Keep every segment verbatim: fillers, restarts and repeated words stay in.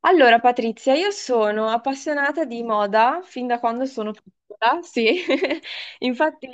Allora, Patrizia, io sono appassionata di moda fin da quando sono piccola, sì. Infatti,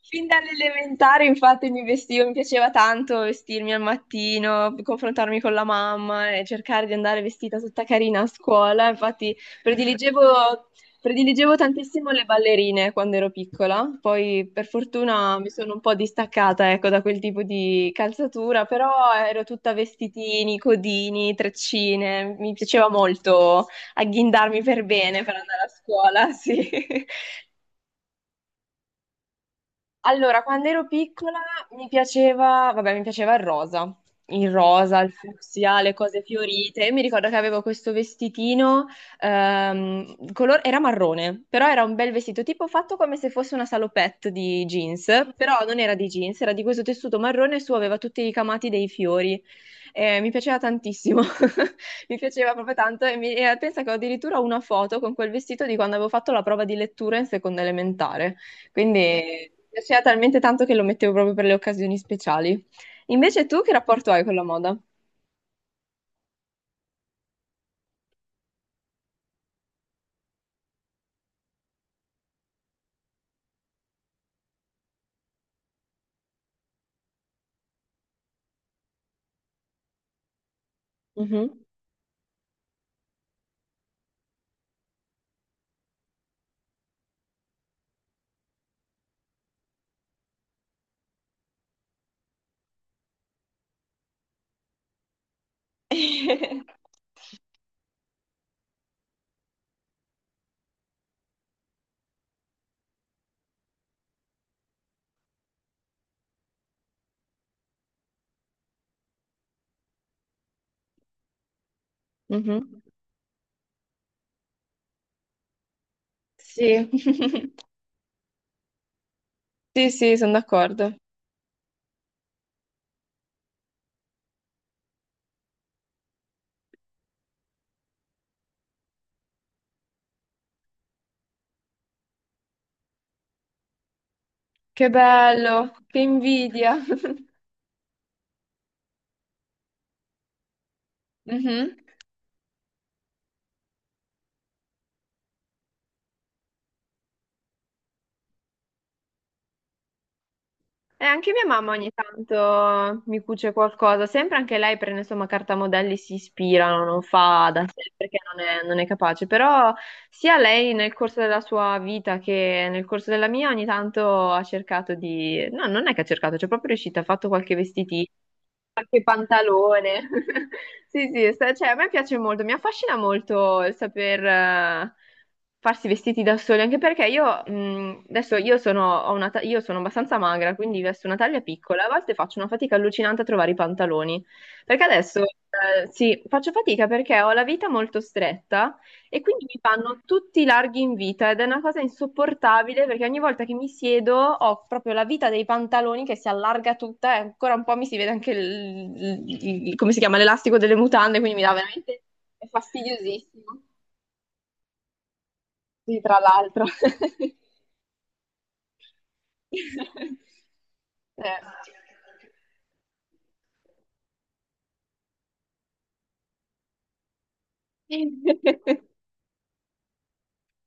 fin dall'elementare, infatti, mi vestivo, mi piaceva tanto vestirmi al mattino, confrontarmi con la mamma e cercare di andare vestita tutta carina a scuola. Infatti, prediligevo, prediligevo tantissimo le ballerine quando ero piccola. Poi, per fortuna, mi sono un po' distaccata, ecco, da quel tipo di calzatura, però ero tutta vestitini, codini, treccine. Mi piaceva molto agghindarmi per bene per andare a scuola, sì. Allora, quando ero piccola mi piaceva, vabbè, mi piaceva il rosa, il rosa, il fucsia, le cose fiorite. E mi ricordo che avevo questo vestitino, ehm, color- era marrone, però era un bel vestito, tipo fatto come se fosse una salopette di jeans, però non era di jeans, era di questo tessuto marrone e su aveva tutti i ricamati dei fiori. Eh, mi piaceva tantissimo, mi piaceva proprio tanto e, mi- e pensa che ho addirittura una foto con quel vestito di quando avevo fatto la prova di lettura in seconda elementare. Quindi mi piaceva talmente tanto che lo mettevo proprio per le occasioni speciali. Invece tu che rapporto hai con la moda? Mhm. Mhm. Sì, sì, sì, sono d'accordo. Che bello, che invidia. Mhm. E anche mia mamma ogni tanto mi cuce qualcosa, sempre anche lei prende insomma cartamodelli, si ispirano, non fa da sé perché non è, non è capace, però sia lei nel corso della sua vita che nel corso della mia ogni tanto ha cercato di... No, non è che ha cercato, cioè è proprio riuscita, ha fatto qualche vestitino, anche pantalone. Sì, sì, sta- cioè, a me piace molto, mi affascina molto il saper eh, farsi vestiti da soli, anche perché io mh, adesso io sono, ho una ta- io sono abbastanza magra, quindi vesto una taglia piccola, a volte faccio una fatica allucinante a trovare i pantaloni, perché adesso eh, sì, faccio fatica perché ho la vita molto stretta e quindi mi fanno tutti i larghi in vita ed è una cosa insopportabile perché ogni volta che mi siedo ho proprio la vita dei pantaloni che si allarga tutta e ancora un po' mi si vede anche il, il- il- come si chiama, l'elastico delle mutande, quindi mi dà veramente, è fastidiosissimo. Sì, tra l'altro. Eh.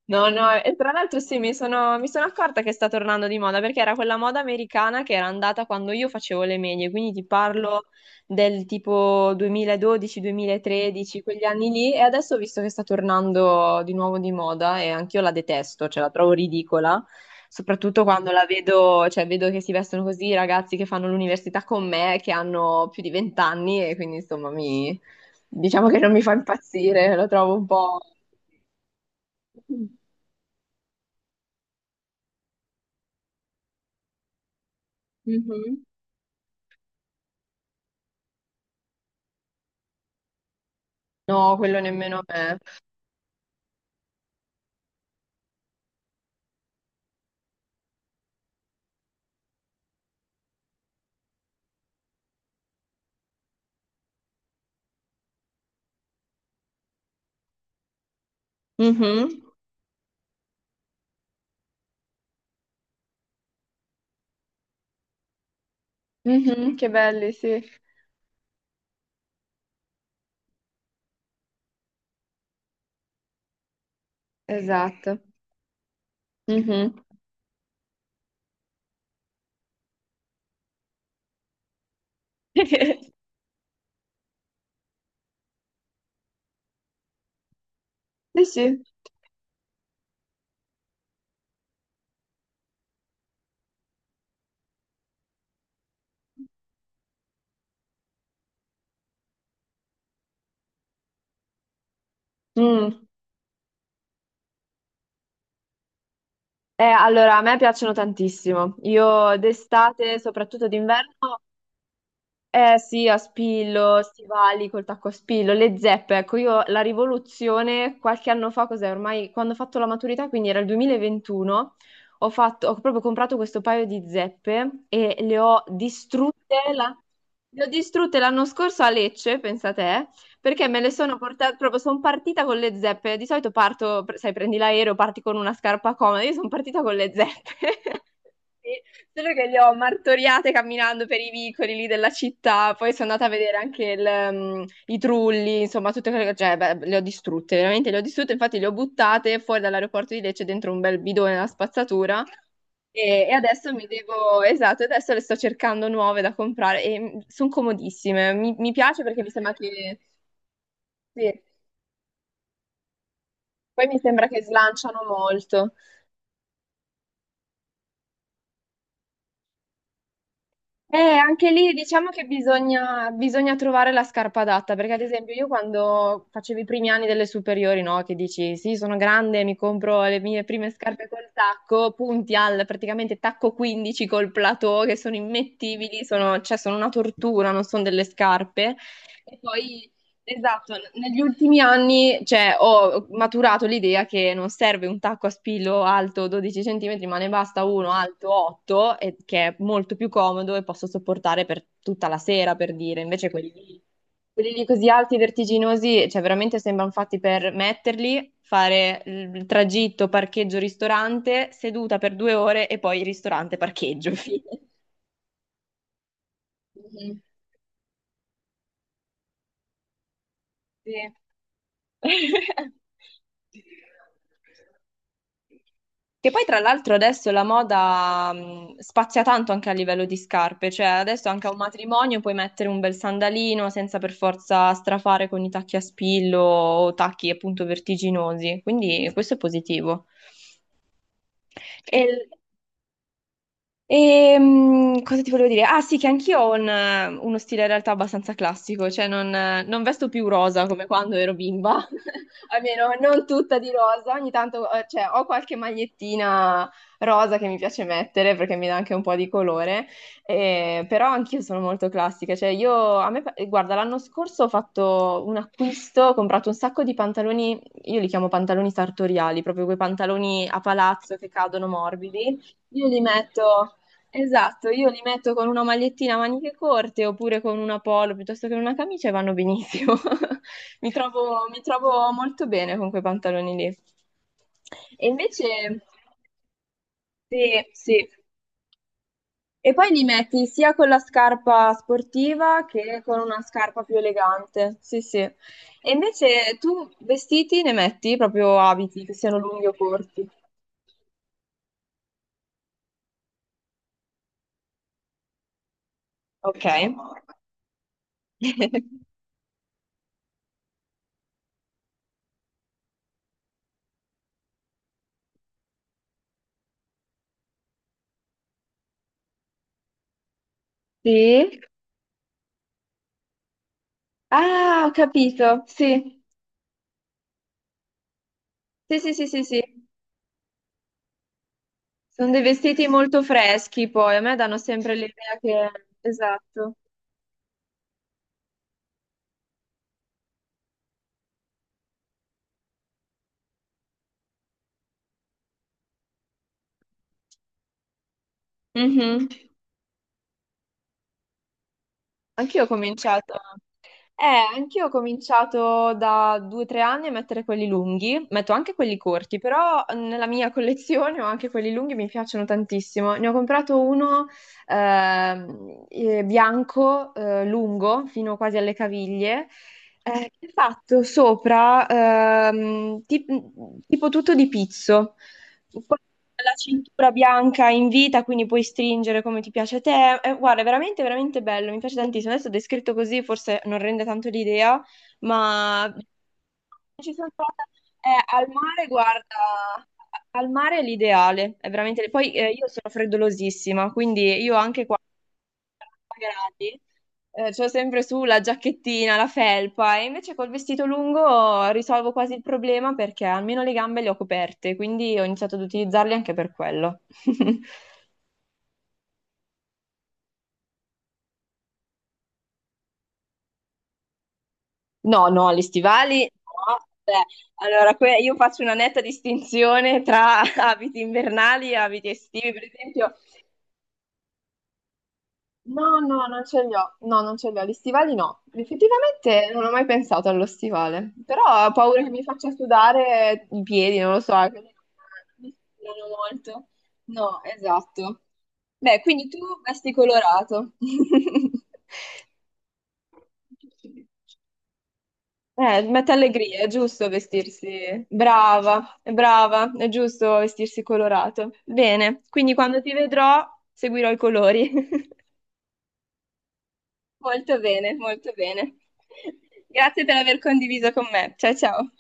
No, no, e tra l'altro sì, mi sono, mi sono accorta che sta tornando di moda perché era quella moda americana che era andata quando io facevo le medie, quindi ti parlo del tipo duemiladodici-duemilatredici, quegli anni lì, e adesso ho visto che sta tornando di nuovo di moda e anch'io la detesto, cioè la trovo ridicola, soprattutto quando la vedo, cioè vedo che si vestono così i ragazzi che fanno l'università con me, che hanno più di venti anni e quindi insomma mi, diciamo che non mi fa impazzire, lo trovo un po'... Mhm. No, quello nemmeno a me. Mhm. Mhm, che belli, sì. Esatto. Mhm. Sì, sì. Mm. Eh, allora, a me piacciono tantissimo. Io d'estate, soprattutto d'inverno, eh sì, a spillo, stivali col tacco a spillo, le zeppe, ecco io la rivoluzione qualche anno fa, cos'è ormai, quando ho fatto la maturità, quindi era il duemilaventuno, ho fatto, ho proprio comprato questo paio di zeppe e le ho distrutte, la- le ho distrutte l'anno scorso a Lecce, pensa te, perché me le sono portate, proprio sono partita con le zeppe, di solito parto, sai prendi l'aereo, parti con una scarpa comoda, io sono partita con le zeppe. Sì, solo che le ho martoriate camminando per i vicoli lì della città, poi sono andata a vedere anche il, mm, i trulli, insomma, tutte quelle cioè, beh, le ho distrutte, veramente le ho distrutte, infatti le ho buttate fuori dall'aeroporto di Lecce dentro un bel bidone alla spazzatura e, e adesso mi devo, esatto, adesso le sto cercando nuove da comprare e sono comodissime, mi, mi piace perché mi sembra che, sì, poi mi sembra che slanciano molto. Eh, anche lì diciamo che bisogna, bisogna trovare la scarpa adatta, perché ad esempio io quando facevo i primi anni delle superiori, no, che dici sì, sono grande, mi compro le mie prime scarpe col tacco, punti al praticamente tacco quindici col plateau, che sono immettibili, sono, cioè sono una tortura, non sono delle scarpe. E poi esatto, negli ultimi anni, cioè, ho maturato l'idea che non serve un tacco a spillo alto dodici centimetri, ma ne basta uno alto otto, e- che è molto più comodo e posso sopportare per tutta la sera, per dire. Invece quelli lì, quelli lì così alti, vertiginosi, cioè veramente sembrano fatti per metterli, fare il tragitto, parcheggio, ristorante, seduta per due ore e poi ristorante, parcheggio, fine. Mhm. Sì. Che poi tra l'altro adesso la moda mh, spazia tanto anche a livello di scarpe, cioè adesso anche a un matrimonio puoi mettere un bel sandalino senza per forza strafare con i tacchi a spillo o tacchi appunto vertiginosi, quindi questo è positivo. E, e, mm, cosa ti volevo dire? Ah sì, che anch'io ho un, eh, uno stile in realtà abbastanza classico, cioè non, eh, non vesto più rosa come quando ero bimba, almeno non tutta di rosa, ogni tanto eh, cioè, ho qualche magliettina rosa che mi piace mettere perché mi dà anche un po' di colore, eh, però anch'io sono molto classica, cioè io, a me, eh, guarda, l'anno scorso ho fatto un acquisto, ho comprato un sacco di pantaloni, io li chiamo pantaloni sartoriali, proprio quei pantaloni a palazzo che cadono morbidi. Io li metto, esatto, io li metto con una magliettina a maniche corte oppure con una polo piuttosto che una camicia e vanno benissimo. Mi trovo, mi trovo molto bene con quei pantaloni lì. E invece, sì, sì. E poi li metti sia con la scarpa sportiva che con una scarpa più elegante. Sì, sì. E invece tu vestiti ne metti proprio abiti, che siano lunghi o corti. Ok. Sì. Ah, ho capito. Sì. Sì, sì, sì, sì, sì. Sono dei vestiti molto freschi poi, a me danno sempre l'idea che... Esatto. Mhm. Anch'io ho cominciato. Eh, anch'io ho cominciato da due o tre anni a mettere quelli lunghi, metto anche quelli corti, però nella mia collezione ho anche quelli lunghi, mi piacciono tantissimo. Ne ho comprato uno ehm, eh, bianco, eh, lungo, fino quasi alle caviglie, eh, che è fatto sopra ehm, tip- tipo tutto di pizzo la cintura bianca in vita, quindi puoi stringere come ti piace a te. Eh, guarda, è veramente, veramente bello, mi piace tantissimo. Adesso descritto così forse non rende tanto l'idea, ma ci sono trovata eh, al mare, guarda, al mare è l'ideale, è veramente... Poi eh, io sono freddolosissima, quindi io anche gradi. Eh, c'ho sempre su la giacchettina, la felpa, e invece col vestito lungo risolvo quasi il problema perché almeno le gambe le ho coperte, quindi ho iniziato ad utilizzarli anche per quello. No, no, gli stivali, no. Beh, allora que- io faccio una netta distinzione tra abiti invernali e abiti estivi. Per esempio, no, no, non ce li ho. No, non ce li ho. Gli stivali no. Effettivamente non ho mai pensato allo stivale, però ho paura che mi faccia sudare i piedi, non lo so, quindi non mi sudano molto. No, esatto. Beh, quindi tu vesti colorato. Eh, mette allegria, è giusto vestirsi. Brava, è brava, è giusto vestirsi colorato. Bene, quindi quando ti vedrò seguirò i colori. Molto bene, molto bene. Grazie per aver condiviso con me. Ciao ciao.